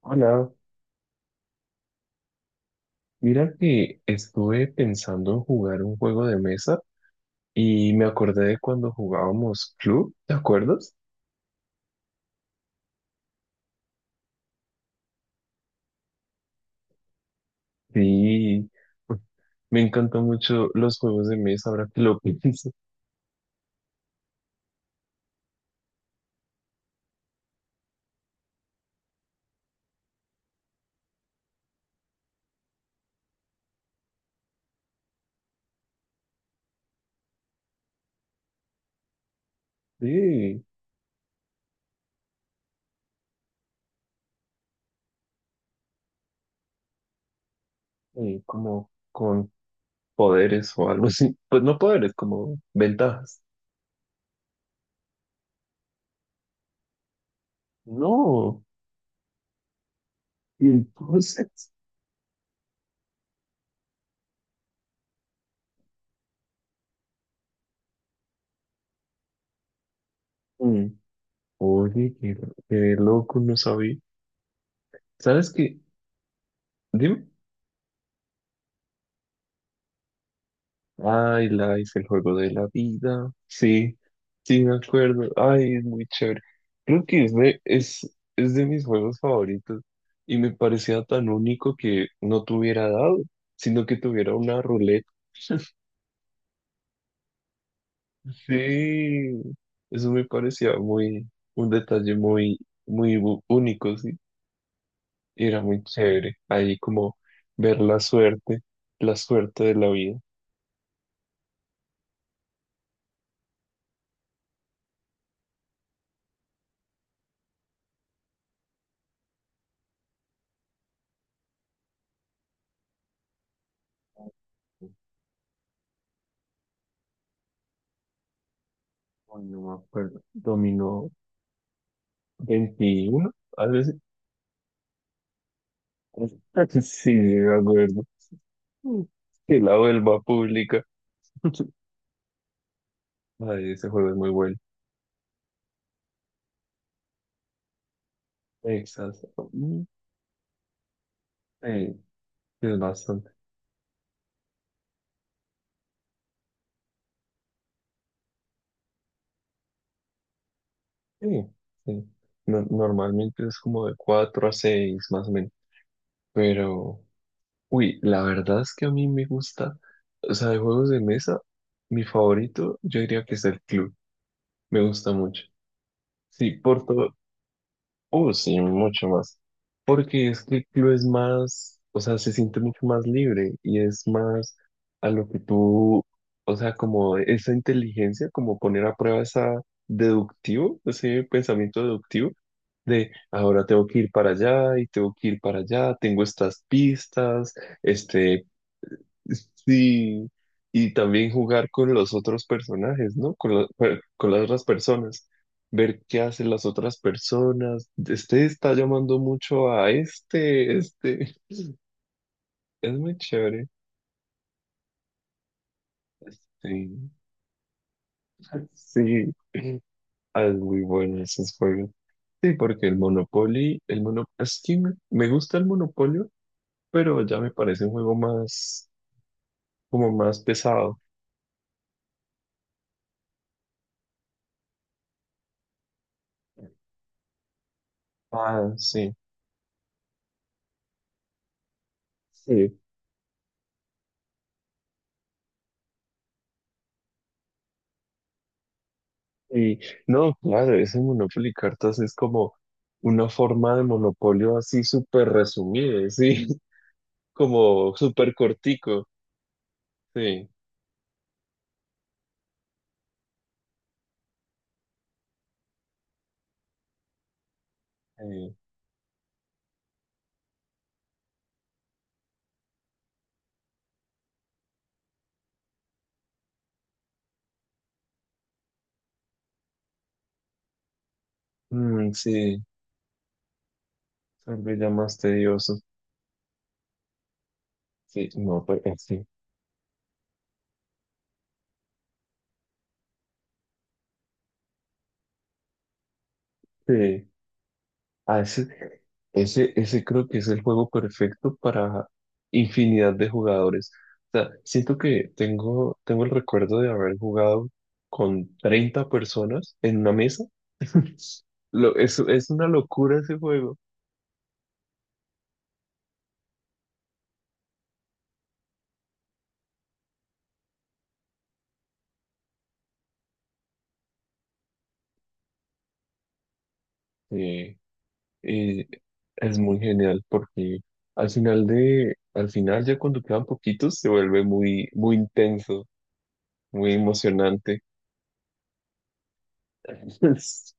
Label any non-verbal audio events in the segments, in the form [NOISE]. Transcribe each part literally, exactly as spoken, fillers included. Hola, mira que estuve pensando en jugar un juego de mesa y me acordé de cuando jugábamos Club, ¿te acuerdas? Sí, pues, me encantan mucho los juegos de mesa ahora que lo [LAUGHS] pienso. Sí, eh, como con poderes o algo así. Pues no poderes, como ventajas. No, y entonces, mm, oye, qué, qué loco, no sabía. ¿Sabes qué? Dime. Ay, Life, el juego de la vida. Sí, sí, me acuerdo. Ay, es muy chévere. Creo que es de, es, es de mis juegos favoritos y me parecía tan único que no tuviera dado, sino que tuviera una ruleta. [LAUGHS] Sí, eso me parecía muy, un detalle muy, muy bu- único, sí. Y era muy chévere ahí como ver la suerte, la suerte de la vida. Ay, no me acuerdo. Dominó, Veintiuno, a veces. [LAUGHS] Sí, me acuerdo. Que la vuelva pública. [LAUGHS] Ay, ese juego es muy bueno. Exacto. Mm, sí, es bastante. Sí, sí. No- normalmente es como de cuatro a seis más o menos. Pero, uy, la verdad es que a mí me gusta, o sea, de juegos de mesa, mi favorito, yo diría que es el club. Me gusta mucho. Sí, por todo, Uh, sí, mucho más. Porque es que el club es más, o sea, se siente mucho más libre y es más a lo que tú, o sea, como esa inteligencia, como poner a prueba esa deductivo, ese pensamiento deductivo de ahora tengo que ir para allá y tengo que ir para allá, tengo estas pistas, este. Sí, y también jugar con los otros personajes, ¿no? Con, la- per- con las otras personas, ver qué hacen las otras personas. Este está llamando mucho a este, este. [LAUGHS] Es muy chévere. Sí, sí, ah, es muy bueno esos juegos. Sí, porque el Monopoly, el mono, es que me, me gusta el Monopolio, pero ya me parece un juego más, como más pesado. Ah, sí. Sí. Y no, claro, ese Monopoly Cartas es como una forma de monopolio así súper resumida, sí, [LAUGHS] como súper cortico, sí, sí, mm, sí, tal vez ya más tedioso, sí, no, pues eh, sí, sí. Ah, ese, ese, ese creo que es el juego perfecto para infinidad de jugadores. O sea, siento que tengo, tengo el recuerdo de haber jugado con treinta personas en una mesa. [LAUGHS] Lo, es, es una locura ese juego. Eh, eh, es muy genial porque al final de, al final ya cuando quedan poquitos se vuelve muy, muy intenso, muy emocionante. [LAUGHS]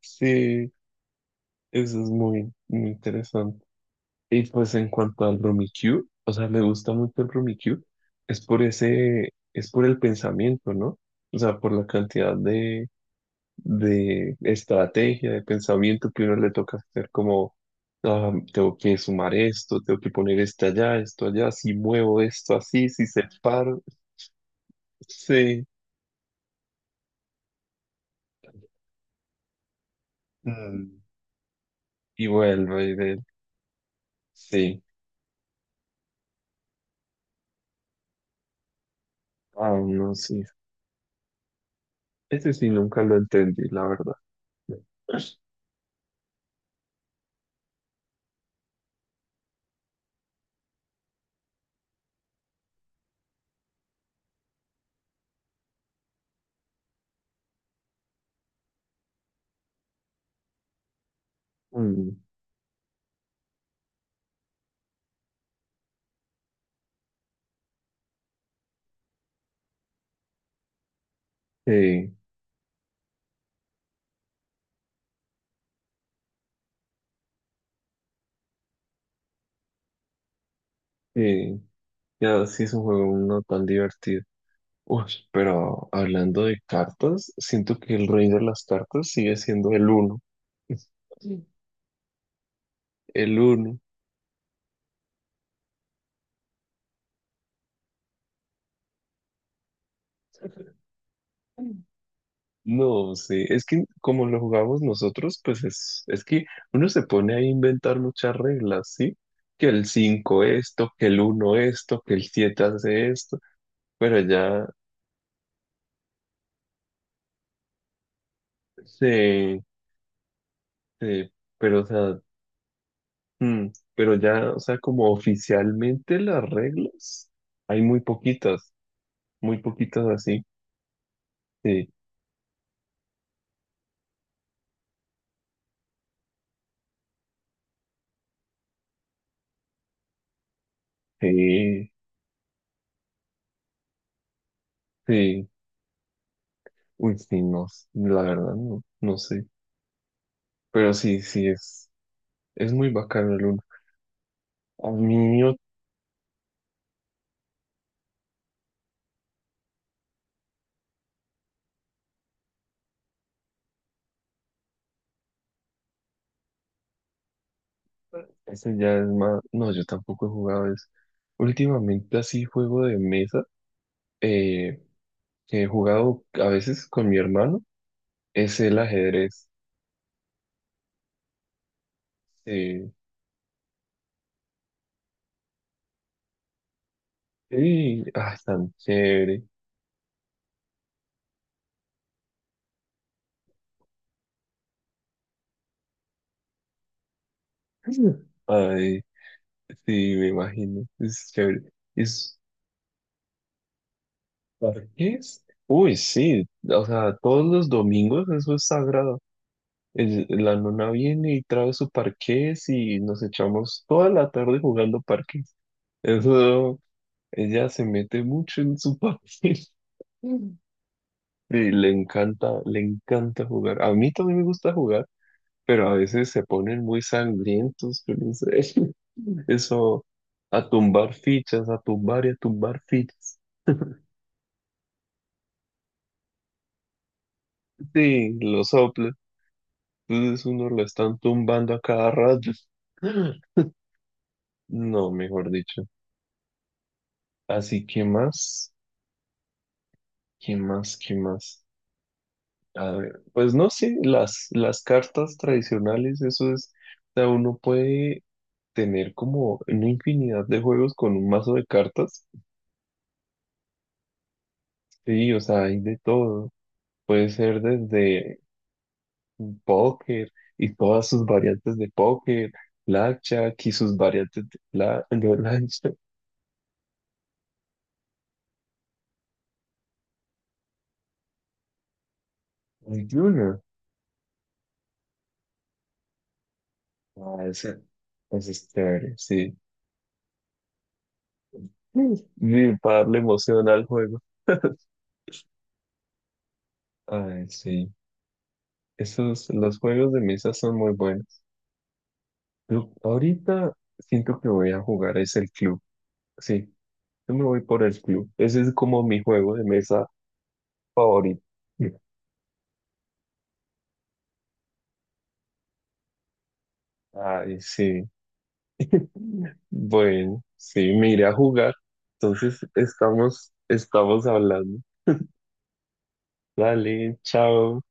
Sí, eso es muy, muy interesante. Y pues en cuanto al Rummikub, o sea, me gusta mucho el Rummikub, es por ese, es por el pensamiento, ¿no? O sea, por la cantidad de, de estrategia, de pensamiento que uno le toca hacer, como, ah, tengo que sumar esto, tengo que poner esto allá, esto allá, si muevo esto así, si separo, sí, mm, y vuelvo y ver, sí, ah, no, sí, ese sí nunca lo entendí, la verdad. Mm, sí, sí, ya sí es un juego no tan divertido. Uy, pero hablando de cartas, siento que el rey de las cartas sigue siendo el uno. [LAUGHS] El uno. No sé, es que como lo jugamos nosotros, pues es, es que uno se pone a inventar muchas reglas, ¿sí? Que el cinco esto, que el uno esto, que el siete hace esto, pero ya se, se- pero o sea, mm, pero ya, o sea, como oficialmente las reglas, hay muy poquitas, muy poquitas así, sí, sí, sí, uy, sí, no, la verdad no, no sé, pero sí, sí, es, es muy bacano el uno. A mí Eso ya es más. No, yo tampoco he jugado eso. Últimamente así juego de mesa eh, que he jugado a veces con mi hermano es el ajedrez. Sí, sí, ah, tan chévere. [LAUGHS] Ay, sí, me imagino. Es chévere. Es, parques. Uy, sí. O sea, todos los domingos eso es sagrado. El- la nona viene y trae su parqués y nos echamos toda la tarde jugando parqués. Eso. Ella se mete mucho en su [LAUGHS] papel. Mm. Y le encanta, le encanta jugar. A mí también me gusta jugar, pero a veces se ponen muy sangrientos, yo no sé. [LAUGHS] Eso, a tumbar fichas, a tumbar y a tumbar fichas. Sí, lo sopla. Entonces uno lo están tumbando a cada rato. [GASPS] No, mejor dicho. Así que más, ¿qué más, qué más? A ver, pues no sé, las, las cartas tradicionales, eso es, o sea, uno puede tener como una infinidad de juegos con un mazo de cartas. Sí, o sea, hay de todo. Puede ser desde póker y todas sus variantes de póker, blackjack y sus variantes de, bla- de blackjack. Hay de una. [LAUGHS] Ah, ese, ese es chévere, sí. Mm. Sí, para darle emoción al juego. Ay, sí. Esos, los juegos de mesa son muy buenos. Yo ahorita siento que voy a jugar es el club. Sí, yo me voy por el club. Ese es como mi juego de mesa favorito. Ay, sí. Bueno, sí, me iré a jugar. Entonces, estamos, estamos hablando. Dale, chao.